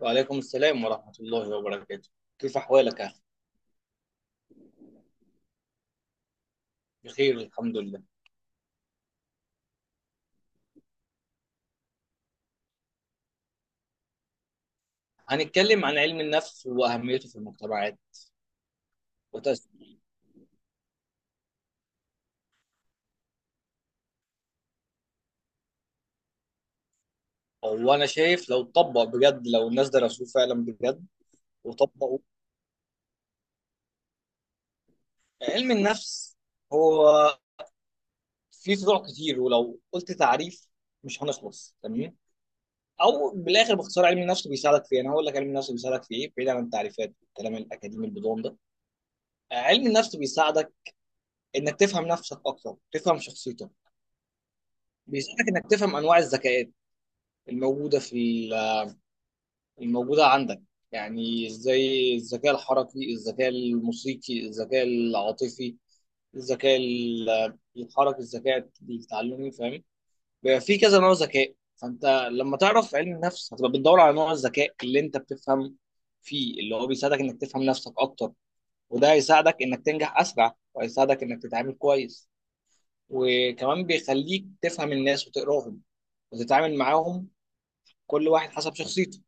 وعليكم السلام ورحمة الله وبركاته. كيف أحوالك يا أخي؟ بخير الحمد لله. هنتكلم عن علم النفس وأهميته في المجتمعات وتأثيره. هو أنا شايف لو اتطبق بجد، لو الناس درسوه فعلا بجد وطبقوا. علم النفس هو فيه فروع كتير، ولو قلت تعريف مش هنخلص، تمام؟ أو بالآخر باختصار علم النفس بيساعدك في إيه؟ أنا هقول لك علم النفس بيساعدك في إيه بعيد عن التعريفات والكلام الأكاديمي البدون ده. علم النفس بيساعدك إنك تفهم نفسك أكتر، تفهم شخصيتك. بيساعدك انك تفهم انواع الذكاءات الموجوده في الموجوده عندك. يعني ازاي الذكاء الحركي، الذكاء الموسيقي، الذكاء العاطفي، الذكاء الحركي، الذكاء التعلمي، فاهم؟ بيبقى في كذا نوع ذكاء، فانت لما تعرف علم النفس هتبقى بتدور على نوع الذكاء اللي انت بتفهم فيه، اللي هو بيساعدك انك تفهم نفسك اكتر. وده هيساعدك انك تنجح اسرع، وهيساعدك انك تتعامل كويس. وكمان بيخليك تفهم الناس وتقراهم وتتعامل معاهم كل واحد حسب شخصيته.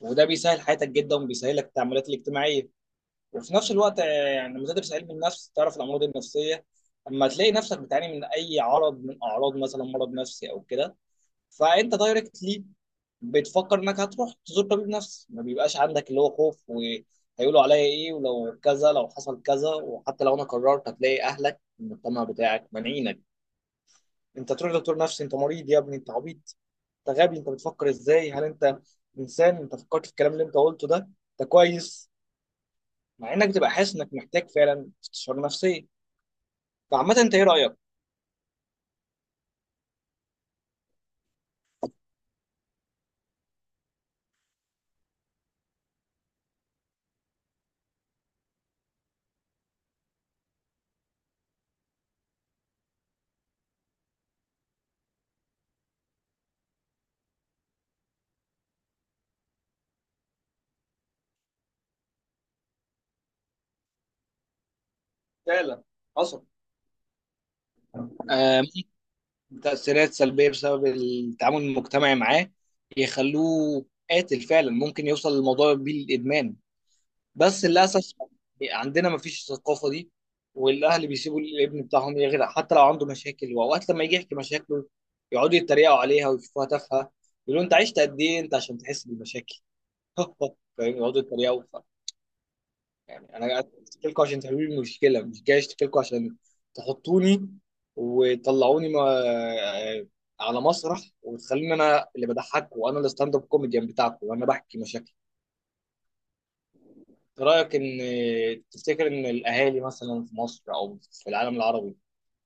وده بيسهل حياتك جدا، وبيسهل لك التعاملات الاجتماعيه. وفي نفس الوقت يعني لما تدرس علم النفس تعرف الامراض النفسيه. اما تلاقي نفسك بتعاني من اي عرض من اعراض مثلا مرض نفسي او كده، فانت دايركتلي بتفكر انك هتروح تزور طبيب نفسي. ما بيبقاش عندك اللي هو خوف وهيقولوا عليا ايه ولو كذا لو حصل كذا. وحتى لو انا قررت هتلاقي اهلك، المجتمع بتاعك، مانعينك انت تروح دكتور نفسي. انت مريض يا ابني، انت عبيط، انت غبي، انت بتفكر ازاي، هل انت انسان؟ انت فكرت في الكلام اللي انت قلته ده؟ انت كويس؟ مع انك بتبقى حاسس انك محتاج فعلا استشاره نفسيه. فعامه انت ايه رايك؟ فعلا حصل. آه، تاثيرات سلبيه بسبب التعامل المجتمعي معاه يخلوه قاتل فعلا، ممكن يوصل للموضوع بيه للادمان. بس للاسف عندنا ما فيش الثقافه دي. والاهل بيسيبوا الابن بتاعهم يغرق حتى لو عنده مشاكل، واوقات لما يجي يحكي مشاكله يقعدوا يتريقوا عليها ويشوفوها تافهه. يقولوا انت عشت قد ايه انت عشان تحس بالمشاكل؟ فاهم؟ يقعدوا يتريقوا يعني انا قاعد اشتكي لكم عشان تحلوا لي المشكله، مش جاي اشتكي لكم عشان تحطوني وتطلعوني ما على مسرح وتخليني انا اللي بضحك وانا الستاند اب كوميديان بتاعكم وانا بحكي مشاكل. رأيك إن، تفتكر إن الأهالي مثلا في مصر أو في العالم العربي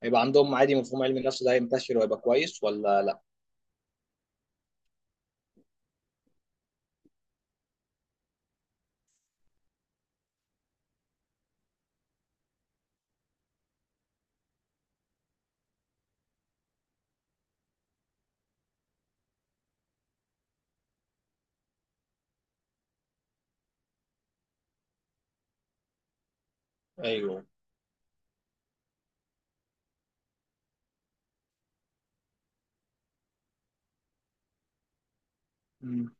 هيبقى عندهم عادي مفهوم علم النفس ده، هينتشر وهيبقى كويس ولا لأ؟ أيوه. مم.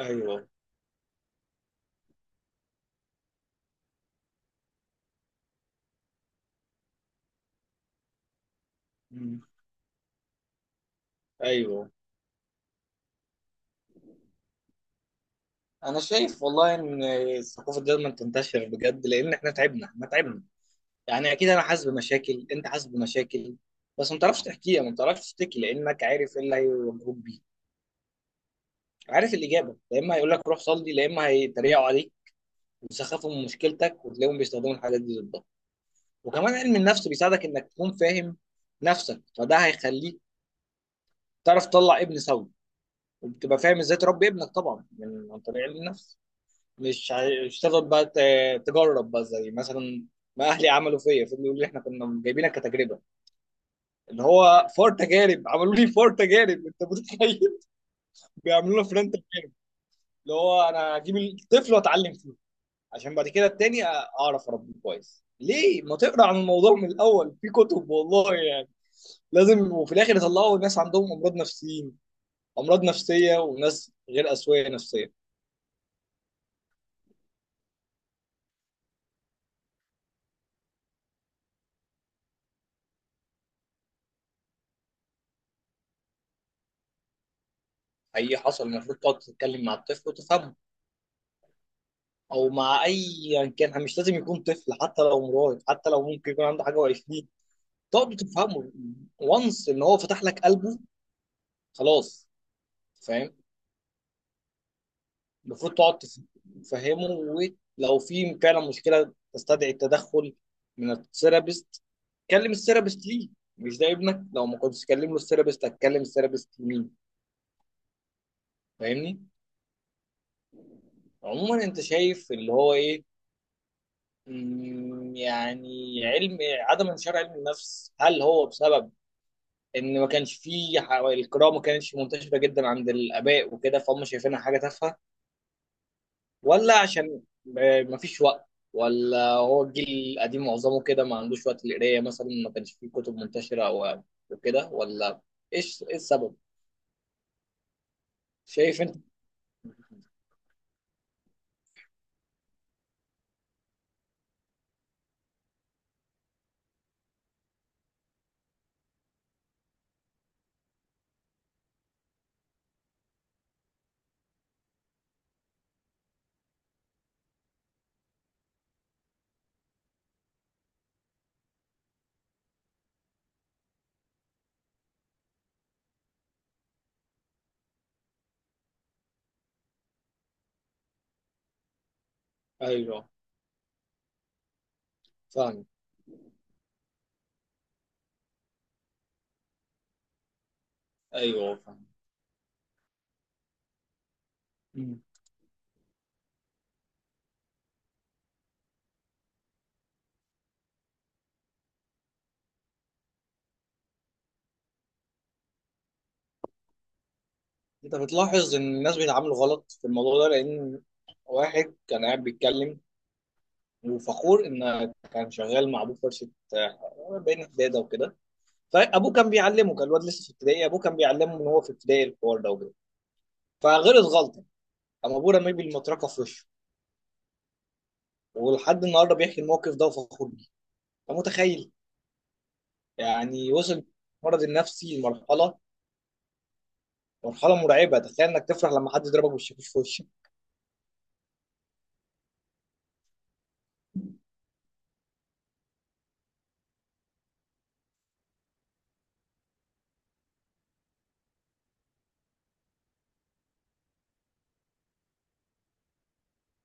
أيوه. مم. أيوه. أنا شايف والله إن الثقافة دي لازم تنتشر بجد، لأن إحنا تعبنا، إحنا تعبنا. يعني أكيد أنا حاسس بمشاكل، أنت حاسس بمشاكل، بس ما بتعرفش تحكيها، ما بتعرفش تشتكي، لأنك عارف إيه اللي هيواجهوك بيه. عارف الإجابة، يا إما هيقول لك روح صلي، يا إما هيتريقوا عليك ويسخفوا من مشكلتك، وتلاقيهم بيستخدموا الحاجات دي ضدك. وكمان علم النفس بيساعدك انك تكون فاهم نفسك، فده هيخليك تعرف تطلع ابن سوي. وبتبقى فاهم ازاي تربي ابنك طبعا من عن طريق علم النفس. مش تفضل بقى تجرب بقى زي مثلا ما اهلي عملوا فيا. فضلوا يقولوا لي احنا كنا جايبينك كتجربه، اللي هو فور تجارب، عملوا لي فور تجارب، انت متخيل؟ بيعملوا لنا فرنت، اللي هو انا هجيب الطفل واتعلم فيه عشان بعد كده التاني اعرف اربيه كويس. ليه ما تقرا عن الموضوع من الاول في كتب؟ والله لازم. وفي الاخر يطلعوا ناس عندهم امراض نفسيين، امراض نفسيه، وناس غير اسويه نفسيه. اي حصل المفروض تقعد تتكلم مع الطفل وتفهمه، او مع اي، يعني كان مش لازم يكون طفل، حتى لو مراهق، حتى لو ممكن يكون عنده حاجه وعشرين، تقعد تفهمه وانس ان هو فتح لك قلبه، خلاص، فاهم؟ المفروض تقعد تفهمه. ولو في فعلا مشكله تستدعي التدخل من الثيرابيست، كلم الثيرابيست. ليه مش ده ابنك؟ لو ما كنتش تكلم له الثيرابيست هتكلم الثيرابيست مين؟ فاهمني؟ عموما انت شايف اللي هو ايه، يعني علم، عدم انتشار علم النفس هل هو بسبب ان ما كانش فيه القراءه ما كانتش منتشره جدا عند الاباء وكده، فهم شايفينها حاجه تافهه؟ ولا عشان ما فيش وقت؟ ولا هو الجيل القديم معظمه كده ما عندوش وقت للقرايه مثلا، ما كانش فيه كتب منتشره او وكده؟ ولا ايه السبب شايف انت؟ ايوه، فاهم. ايوه، فاهم. انت بتلاحظ ان الناس بيتعاملوا غلط في الموضوع ده، لان واحد كان قاعد بيتكلم وفخور ان كان شغال مع ابوه في ورشه، بين حداده وكده. فابوه كان بيعلمه، كان الواد لسه في ابتدائي، ابوه كان بيعلمه ان هو في ابتدائي الحوار ده وكده، فغلط غلطه، قام ابوه رميه بالمطرقه في وشه. ولحد النهارده بيحكي الموقف ده وفخور بيه. فمتخيل؟ يعني وصل المرض النفسي لمرحله، مرحله مرعبه، تخيل انك تفرح لما حد يضربك بالشاكوش في وشك.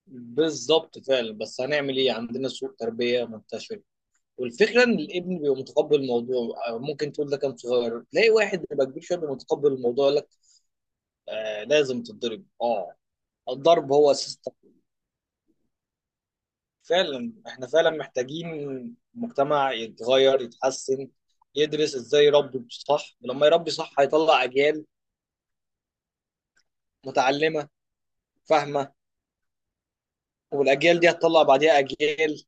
بالظبط فعلا، بس هنعمل ايه، عندنا سوء تربيه منتشر. والفكره ان الابن بيبقى متقبل الموضوع. ممكن تقول ده كان صغير، تلاقي واحد بيبقى كبير شويه بيبقى متقبل الموضوع، يقول لك آه لازم تتضرب، اه الضرب هو اساس فعلا احنا فعلا محتاجين مجتمع يتغير، يتحسن، يدرس ازاي يربي صح. ولما يربي صح هيطلع اجيال متعلمه فاهمه، والاجيال دي هتطلع بعديها اجيال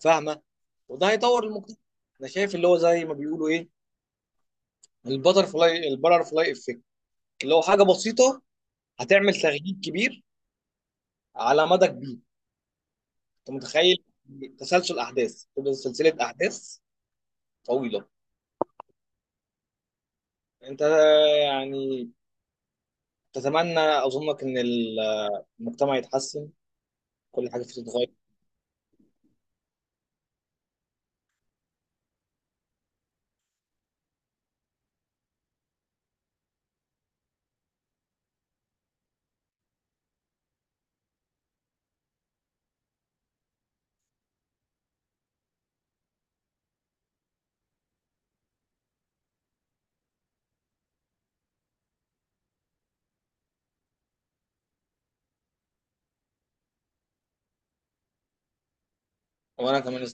فاهمه، وده هيطور المجتمع. انا شايف اللي هو زي ما بيقولوا ايه، البترفلاي افكت، اللي هو حاجه بسيطه هتعمل تغيير كبير على مدى كبير. انت متخيل؟ تسلسل احداث، تبقى سلسله احداث طويله. انت يعني تتمنى اظنك ان المجتمع يتحسن، كل حاجه فيه تتغير؟ وانا كمان.